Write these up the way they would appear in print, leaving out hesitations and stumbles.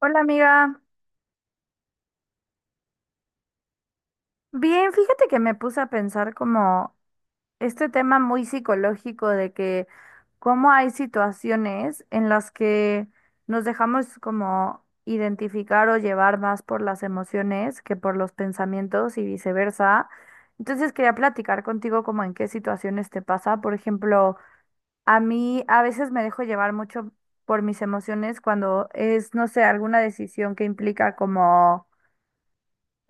Hola amiga, bien, fíjate que me puse a pensar como este tema muy psicológico de que cómo hay situaciones en las que nos dejamos como identificar o llevar más por las emociones que por los pensamientos y viceversa. Entonces quería platicar contigo como en qué situaciones te pasa. Por ejemplo, a mí a veces me dejo llevar mucho por mis emociones cuando es, no sé, alguna decisión que implica como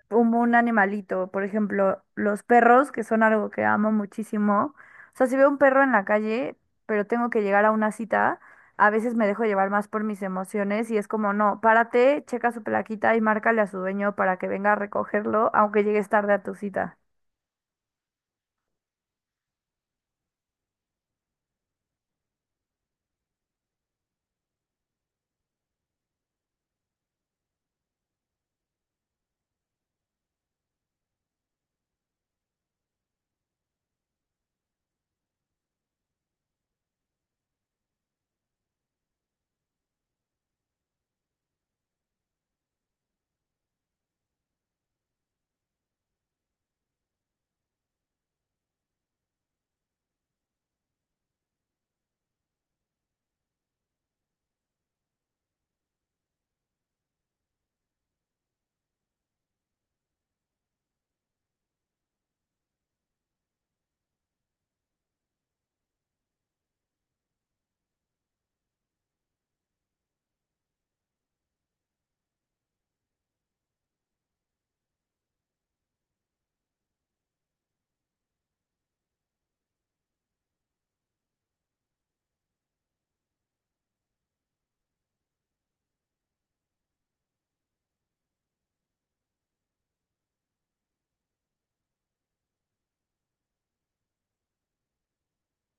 como un animalito, por ejemplo, los perros, que son algo que amo muchísimo. O sea, si veo un perro en la calle, pero tengo que llegar a una cita, a veces me dejo llevar más por mis emociones y es como, no, párate, checa su plaquita y márcale a su dueño para que venga a recogerlo, aunque llegues tarde a tu cita.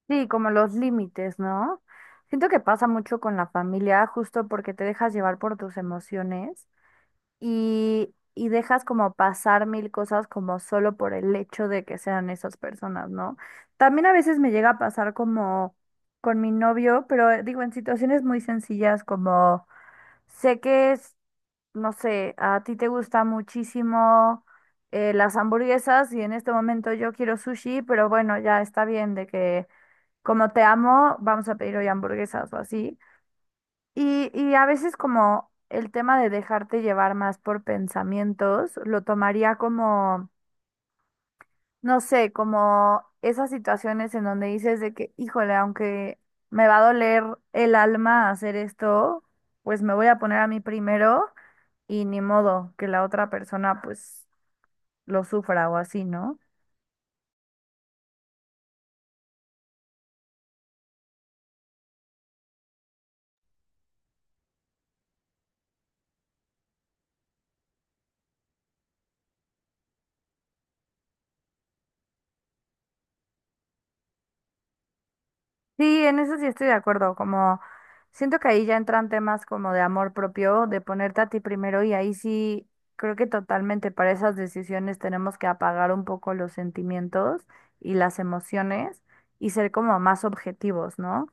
Sí, como los límites, ¿no? Siento que pasa mucho con la familia, justo porque te dejas llevar por tus emociones, y dejas como pasar mil cosas como solo por el hecho de que sean esas personas, ¿no? También a veces me llega a pasar como con mi novio, pero digo, en situaciones muy sencillas como sé que es, no sé, a ti te gusta muchísimo las hamburguesas y en este momento yo quiero sushi, pero bueno, ya está bien de que como te amo, vamos a pedir hoy hamburguesas o así. Y a veces como el tema de dejarte llevar más por pensamientos, lo tomaría como, no sé, como esas situaciones en donde dices de que, híjole, aunque me va a doler el alma hacer esto, pues me voy a poner a mí primero y ni modo que la otra persona pues lo sufra o así, ¿no? Sí, en eso sí estoy de acuerdo, como siento que ahí ya entran temas como de amor propio, de ponerte a ti primero y ahí sí creo que totalmente para esas decisiones tenemos que apagar un poco los sentimientos y las emociones y ser como más objetivos, ¿no?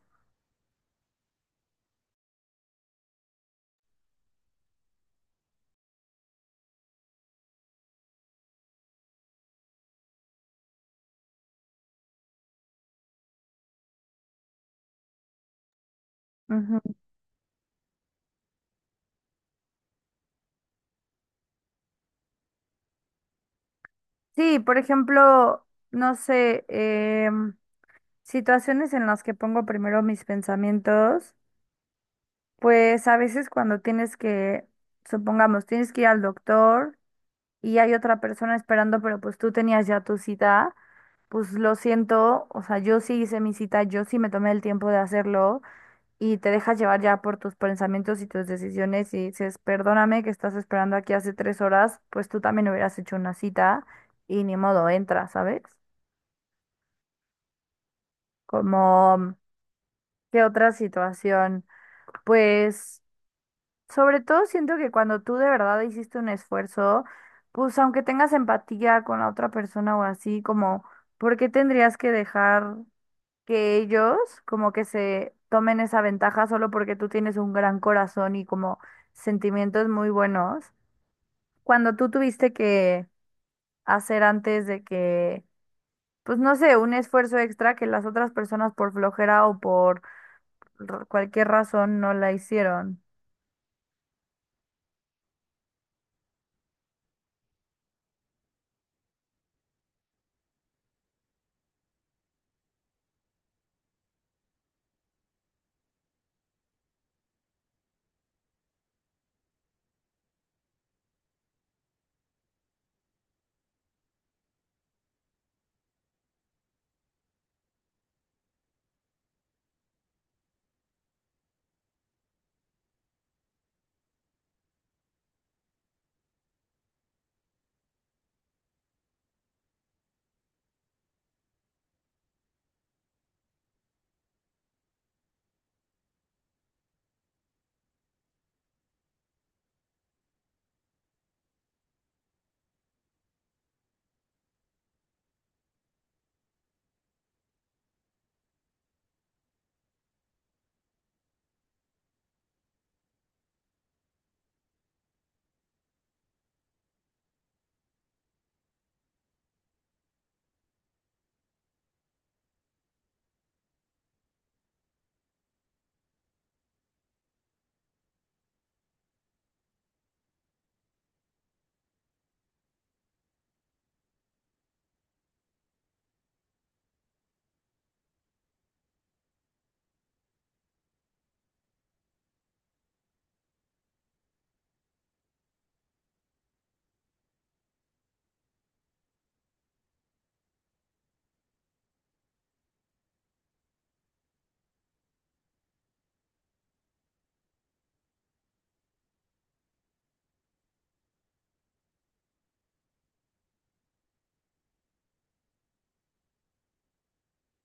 Ujú. Sí, por ejemplo, no sé, em, situaciones en las que pongo primero mis pensamientos, pues a veces cuando tienes que, supongamos, tienes que ir al doctor y hay otra persona esperando, pero pues tú tenías ya tu cita, pues lo siento, o sea, yo sí hice mi cita, yo sí me tomé el tiempo de hacerlo y te dejas llevar ya por tus pensamientos y tus decisiones y dices, perdóname que estás esperando aquí hace 3 horas, pues tú también hubieras hecho una cita y ni modo, entra, ¿sabes? Como, ¿qué otra situación? Pues sobre todo siento que cuando tú de verdad hiciste un esfuerzo, pues aunque tengas empatía con la otra persona o así, como, ¿por qué tendrías que dejar que ellos como que se tomen esa ventaja solo porque tú tienes un gran corazón y como sentimientos muy buenos? Cuando tú tuviste que hacer antes de que, pues no sé, un esfuerzo extra que las otras personas por flojera o por cualquier razón no la hicieron.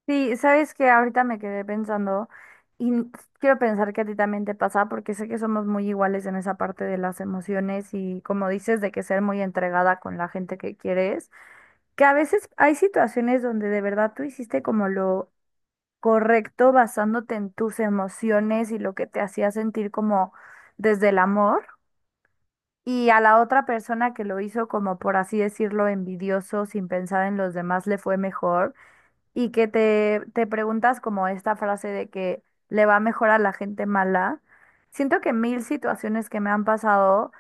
Sí, sabes que ahorita me quedé pensando y quiero pensar que a ti también te pasa porque sé que somos muy iguales en esa parte de las emociones y como dices de que ser muy entregada con la gente que quieres, que a veces hay situaciones donde de verdad tú hiciste como lo correcto basándote en tus emociones y lo que te hacía sentir como desde el amor y a la otra persona que lo hizo como por así decirlo envidioso sin pensar en los demás le fue mejor y que te preguntas como esta frase de que le va mejor a la gente mala, siento que mil situaciones que me han pasado,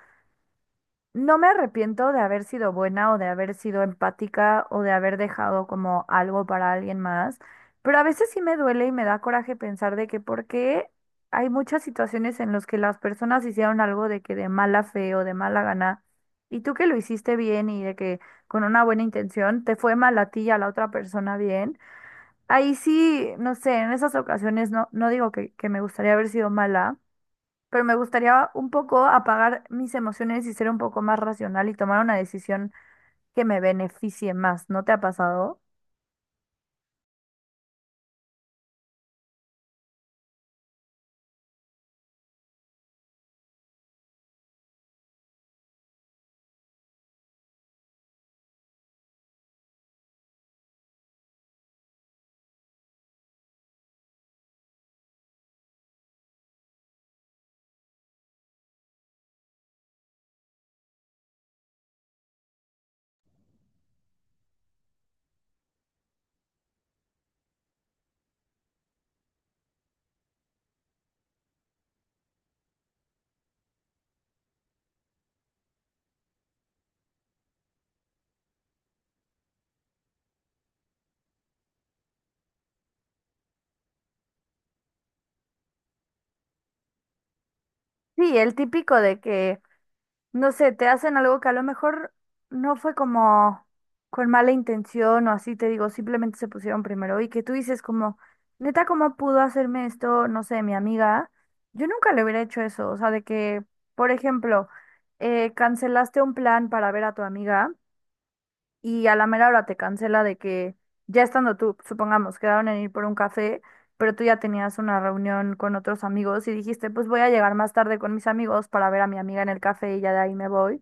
no me arrepiento de haber sido buena o de haber sido empática o de haber dejado como algo para alguien más, pero a veces sí me duele y me da coraje pensar de que por qué hay muchas situaciones en las que las personas hicieron algo de que de mala fe o de mala gana. Y tú que lo hiciste bien y de que con una buena intención te fue mal a ti y a la otra persona bien. Ahí sí, no sé, en esas ocasiones no, no digo que me gustaría haber sido mala, pero me gustaría un poco apagar mis emociones y ser un poco más racional y tomar una decisión que me beneficie más. ¿No te ha pasado? Sí, el típico de que no sé, te hacen algo que a lo mejor no fue como con mala intención o así, te digo, simplemente se pusieron primero y que tú dices como, neta, ¿cómo pudo hacerme esto? No sé, mi amiga. Yo nunca le hubiera hecho eso, o sea, de que, por ejemplo, cancelaste un plan para ver a tu amiga y a la mera hora te cancela de que ya estando tú, supongamos, quedaron en ir por un café, pero tú ya tenías una reunión con otros amigos y dijiste, pues voy a llegar más tarde con mis amigos para ver a mi amiga en el café y ya de ahí me voy.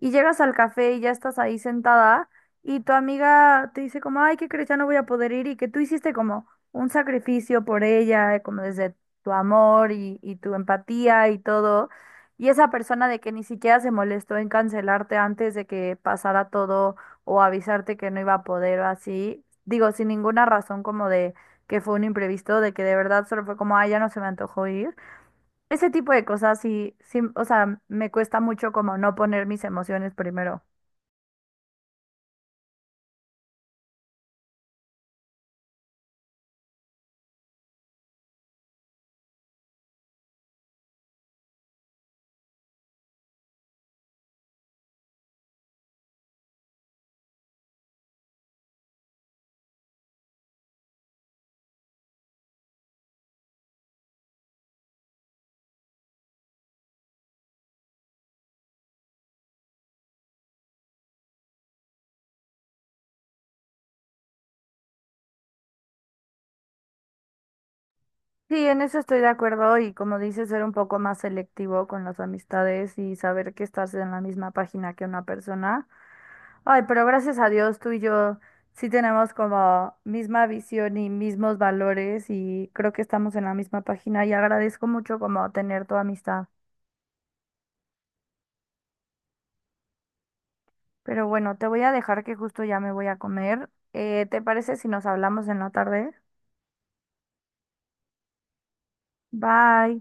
Y llegas al café y ya estás ahí sentada y tu amiga te dice como, ay, ¿qué crees? Ya no voy a poder ir y que tú hiciste como un sacrificio por ella, como desde tu amor y tu empatía y todo. Y esa persona de que ni siquiera se molestó en cancelarte antes de que pasara todo o avisarte que no iba a poder o así. Digo, sin ninguna razón como de que fue un imprevisto, de que de verdad solo fue como, ay, ya no se me antojó ir. Ese tipo de cosas sí, sí, o sea, me cuesta mucho como no poner mis emociones primero. Sí, en eso estoy de acuerdo y como dices, ser un poco más selectivo con las amistades y saber que estás en la misma página que una persona. Ay, pero gracias a Dios tú y yo sí tenemos como misma visión y mismos valores y creo que estamos en la misma página y agradezco mucho como tener tu amistad. Pero bueno, te voy a dejar que justo ya me voy a comer. ¿Te parece si nos hablamos en la tarde? Bye.